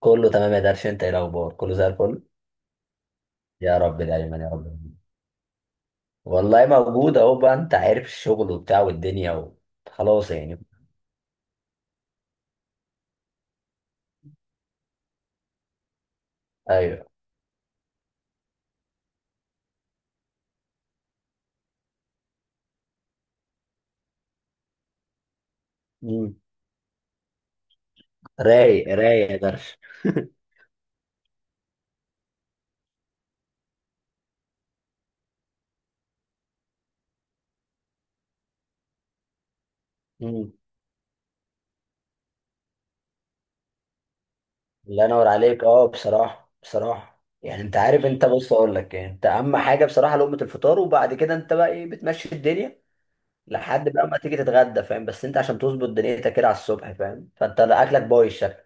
كله تمام يا درش، انت ايه الاخبار؟ كله زي الفل. يا رب دايما يا رب دايما. والله موجود اهو بقى، انت عارف الشغل وبتاع والدنيا خلاص يعني. ايوه. مم. رايق رايق يا درش. مم. الله ينور عليك. اه بصراحه بصراحه يعني انت عارف، انت بص اقول لك، يعني انت اهم حاجه بصراحه لقمه الفطار، وبعد كده انت بقى ايه بتمشي الدنيا لحد بقى ما تيجي تتغدى، فاهم؟ بس انت عشان تظبط دنيتك كده على الصبح، فاهم؟ فانت اكلك بايظ شكل.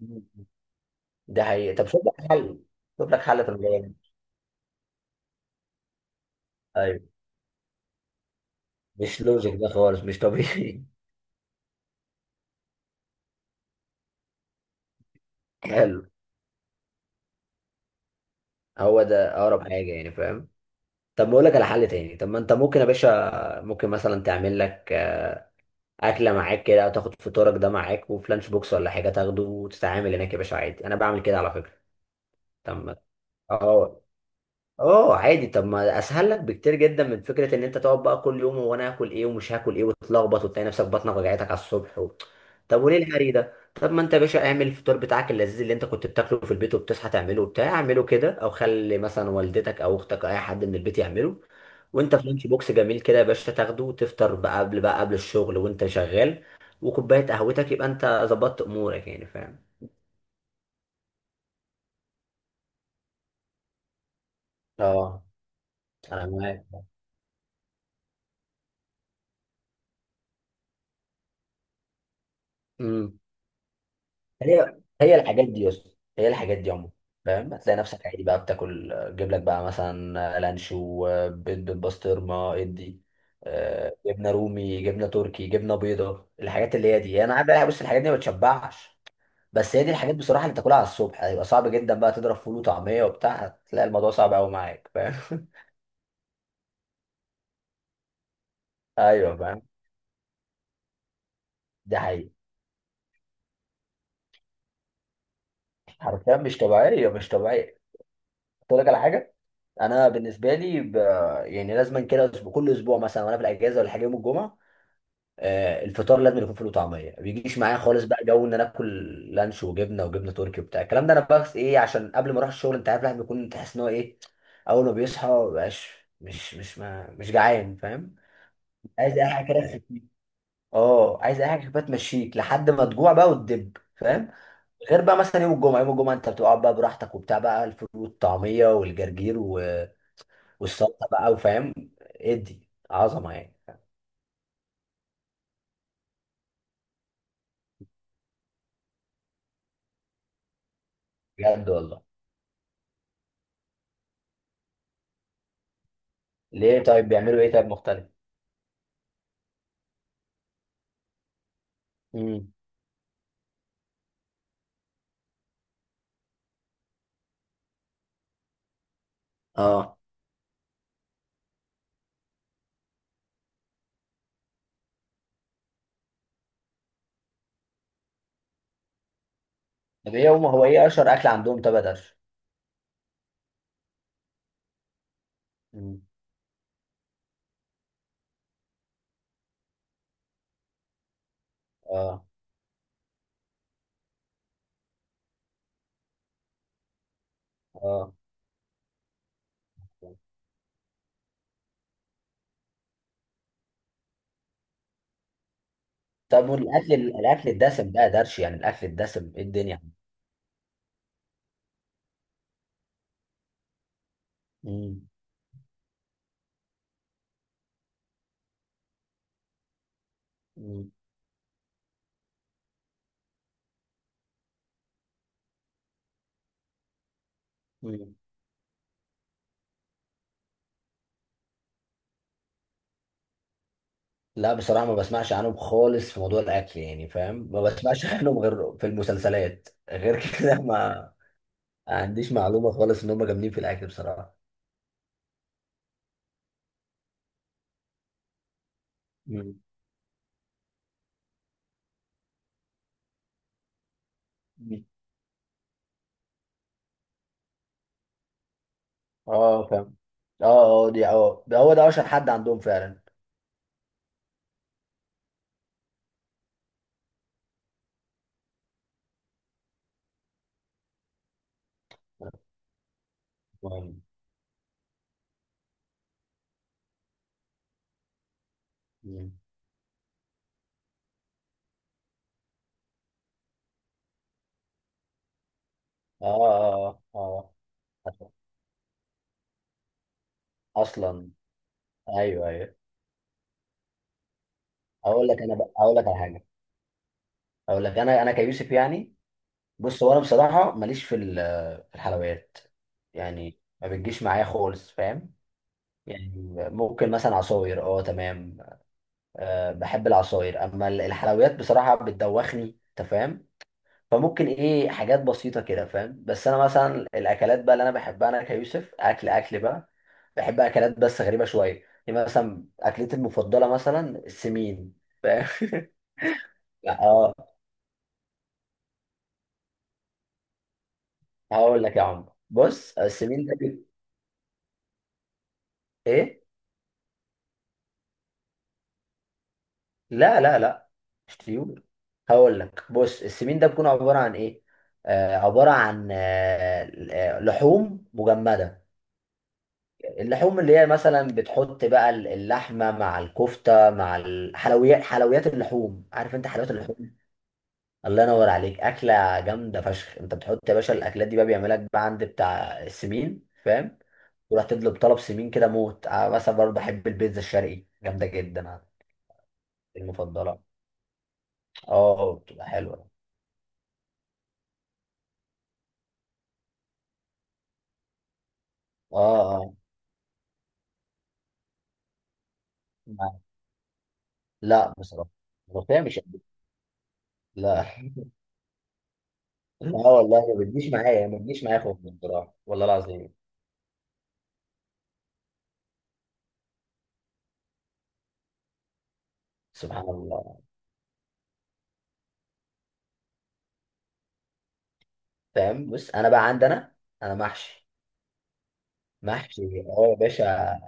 مم. ده حقيقي، طب شوف لك حل. شوف لك حل في الموضوع ده. مش لوجيك ده خالص، مش طبيعي. حلو. هو ده اقرب حاجه يعني، فاهم؟ طب ما اقول لك على حل تاني. طب ما انت ممكن يا باشا، ممكن مثلا تعمل لك اكله معاك كده، او تاخد فطورك ده معاك وفي لانش بوكس ولا حاجه، تاخده وتتعامل هناك يا باشا، عادي. انا بعمل كده على فكره. طب ما- اه اه عادي. طب ما اسهل لك بكتير جدا من فكره ان انت تقعد بقى كل يوم هو انا هاكل ايه ومش هاكل ايه، وتتلخبط وتلاقي نفسك بطنك وجعتك على الصبح طب وليه الهري ده؟ طب ما انت يا باشا اعمل الفطار بتاعك اللذيذ اللي انت كنت بتاكله في البيت وبتصحى تعمله وبتاع، اعمله كده، او خلي مثلا والدتك او اختك او اي حد من البيت يعمله، وانت في لانش بوكس جميل كده يا باشا تاخده، وتفطر بقى قبل الشغل وانت شغال. وكوبايه قهوتك، يبقى انت ظبطت امورك يعني، فاهم؟ اه، انا معاك. امم هي هي الحاجات دي يا اسطى. هي الحاجات دي عموما، فاهم؟ هتلاقي نفسك عادي بقى بتاكل تجيب لك بقى مثلا لانشو، بيض بالبسطرمه، ادي جبنه رومي، جبنه تركي، جبنه بيضه، الحاجات اللي هي دي يعني. انا عارف بقى، بص الحاجات دي ما بتشبعش، بس هي دي الحاجات بصراحه اللي تاكلها على الصبح. هيبقى صعب جدا بقى تضرب فول وطعميه وبتاع، هتلاقي الموضوع صعب قوي معاك، فاهم؟ ايوه فاهم. دي حقيقة، حرفيا مش طبيعيه مش طبيعيه. اقول لك على حاجه، انا بالنسبه لي يعني لازما كده كل اسبوع مثلا وانا في الاجازه ولا حاجه يوم الجمعه، الفطار لازم يكون فول وطعميه. ما بيجيش معايا خالص بقى جو ان انا اكل لانش وجبنه وجبنه تركي وبتاع الكلام ده، انا بس ايه عشان قبل ما اروح الشغل انت عارف الواحد بيكون تحس ان هو ايه، اول ما بيصحى ما بقاش مش جعان، فاهم؟ عايز اي حاجه كده تخفيك. اه، عايز اي حاجه كده تمشيك لحد ما تجوع بقى وتدب، فاهم؟ غير بقى مثلا يوم الجمعه، يوم الجمعه انت بتقعد بقى براحتك وبتاع بقى الفول والطعميه والجرجير والسلطه بقى، وفاهم، ادي عظمه يعني. بجد والله، ليه طيب؟ بيعملوا ايه طيب، مختلف؟ امم اه، طب ايه هم، هو ايه اشهر اكل عندهم طب يا درش؟ مم. اه اه. طب والاكل، الاكل الدسم بقى يا درش، يعني الاكل الدسم ايه الدنيا؟ مم. مم. مم. لا بصراحه، ما بسمعش عنهم خالص في موضوع الاكل يعني، فاهم؟ ما بسمعش عنهم غير في المسلسلات، غير كده ما عنديش معلومه خالص ان هم جامدين في الاكل بصراحه. مم. مم. اه اه اه، دي ده هو ده اشهر حد عندهم فعلا. مهم. مم. اه اه اه. آه. اصلا. ايوه ايوه. اقول لك انا بقى، اقول لك على حاجه. اقول لك انا كيوسف يعني. بص هو انا بصراحه ماليش في في الحلويات يعني. ما بتجيش معايا خالص، فاهم؟ يعني ممكن مثلا عصاير، اه تمام. أه بحب العصاير، اما الحلويات بصراحه بتدوخني، انت فاهم؟ فممكن ايه حاجات بسيطة كده، فاهم؟ بس انا مثلا الاكلات بقى اللي انا بحبها، انا كيوسف اكل اكل بقى، بحب اكلات بس غريبة شوية يعني. مثلا اكلتي المفضلة مثلا السمين، فاهم؟ لا اه. هقول لك يا عم، بص السمين ده ايه. لا لا لا مش طيور. هقول لك، بص السمين ده بيكون عبارة عن ايه، عبارة عن لحوم مجمدة. اللحوم اللي هي مثلا بتحط بقى اللحمه مع الكفته مع الحلويات، حلويات اللحوم، عارف انت حلويات اللحوم. الله ينور عليك، اكله جامده فشخ. انت بتحط يا باشا الاكلات دي بقى، بيعملها لك بقى عند بتاع السمين، فاهم؟ تروح تطلب طلب سمين كده، موت. مثلا برضه بحب البيتزا الشرقي، جامده جدا عندي المفضله. اه بتبقى حلوه. اه اه. مع- لا بصراحه الملوخيه مش قد- لا. لا والله ما بتجيش معايا، ما بتجيش معايا خالص بصراحه والله العظيم. سبحان الله. فاهم؟ بص انا بقى عندنا، انا محشي. محشي اه يا باشا،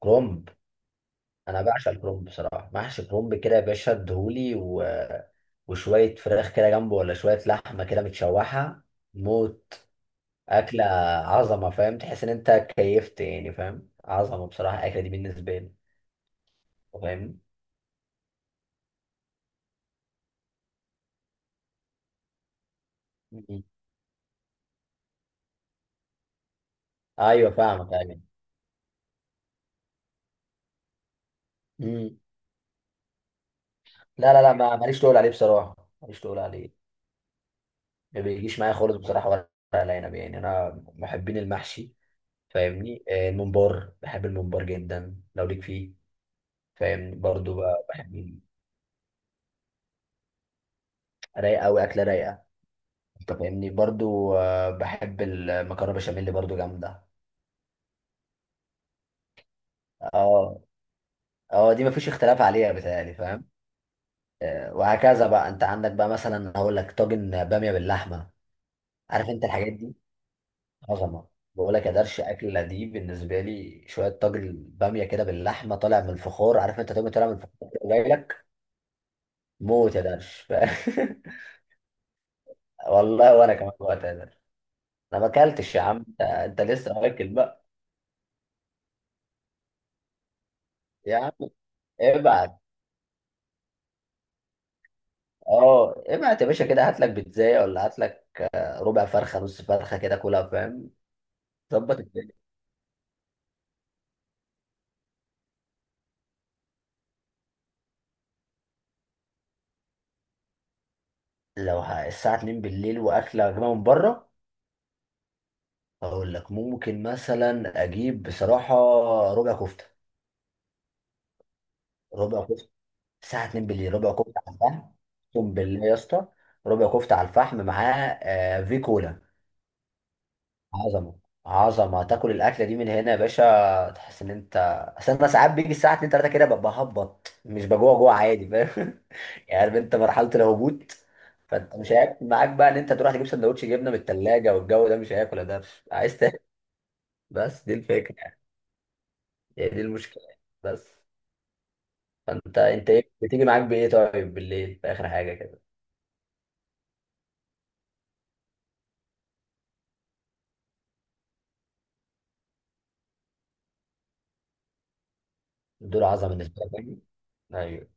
كرومب. انا بعشق الكرومب بصراحه، محشي كرومب كده يا باشا، ادهولي وشويه فراخ كده جنبه ولا شويه لحمه كده متشوحه. موت. اكله عظمه، فاهم؟ تحس ان انت كيفت يعني، فاهم؟ عظمه بصراحه الاكله دي بالنسبه لي. فاهم مم. ايوه فاهمك ايوه. مم. لا لا لا، ما ماليش تقول عليه بصراحه، ماليش تقول عليه. ما بيجيش معايا خالص بصراحه، ولا ورق العنب يعني، انا محبين المحشي، فاهمني؟ الممبار، بحب الممبار جدا لو ليك فيه، فاهمني؟ برضو بحب. رايقه قوي، اكله رايقه. انت فاهمني، برضو بحب المكرونه بشاميل برضو جامده. اه اه، دي مفيش اختلاف عليها بتهيألي، فاهم؟ وهكذا بقى، انت عندك بقى مثلا، هقول لك طاجن باميه باللحمه، عارف انت الحاجات دي، عظمه. بقول لك يا درش، اكله دي بالنسبه لي شويه طاجن باميه كده باللحمه طالع من الفخار، عارف انت؟ طاجن طالع من الفخار كده جاي لك، موت يا درش. والله وانا كمان وقتها ده، انا ما اكلتش يا عم، انت أنت لسه واكل بقى. يا عم ابعت، اه ابعت يا باشا، كده هات لك بيتزايه، ولا هات لك ربع فرخه نص فرخه كده كلها، فاهم؟ ظبط الدنيا. الساعه 2 بالليل واكله يا جماعه من بره، هقول لك ممكن مثلا اجيب بصراحه ربع كفته. ربع كفته الساعه 2 بالليل، ربع كفته على الفحم، اقسم بالله يا اسطى. ربع كفته على الفحم معاه في كولا. عظمة. عظمة تاكل الأكلة دي من هنا يا باشا، تحس إن أنت، أصل أنا ساعات بيجي الساعة 2 3 كده ببقى هبط، مش بجوع جوع عادي، فاهم؟ يعني عارف أنت مرحلة الهبوط، فأنت مش هياكل معاك بقى إن أنت تروح تجيب سندوتش جبنة من التلاجة، والجو ده مش هياكل ده. عايز تاكل، بس دي الفكرة يعني. هي دي المشكلة يعني، بس. فأنت إيه بتيجي معاك بإيه طيب بالليل في آخر حاجة كده؟ دول عظمة بالنسبة لك يعني؟ أيوه.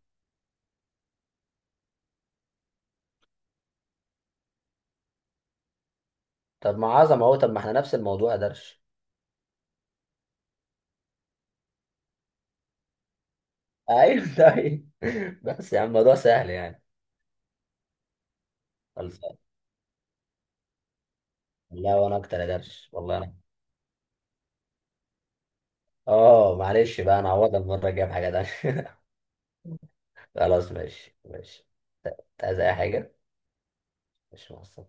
طب ما عظمة أهو، طب ما إحنا نفس الموضوع يا درش. أيوه. طيب، بس يا عم الموضوع سهل يعني. خلص. لا وانا اكتر يا درش والله انا. اه معلش بقى، انا هعوضها المره الجايه بحاجه تانيه. خلاص، ماشي ماشي. انت عايز اي حاجه؟ مش مقصر.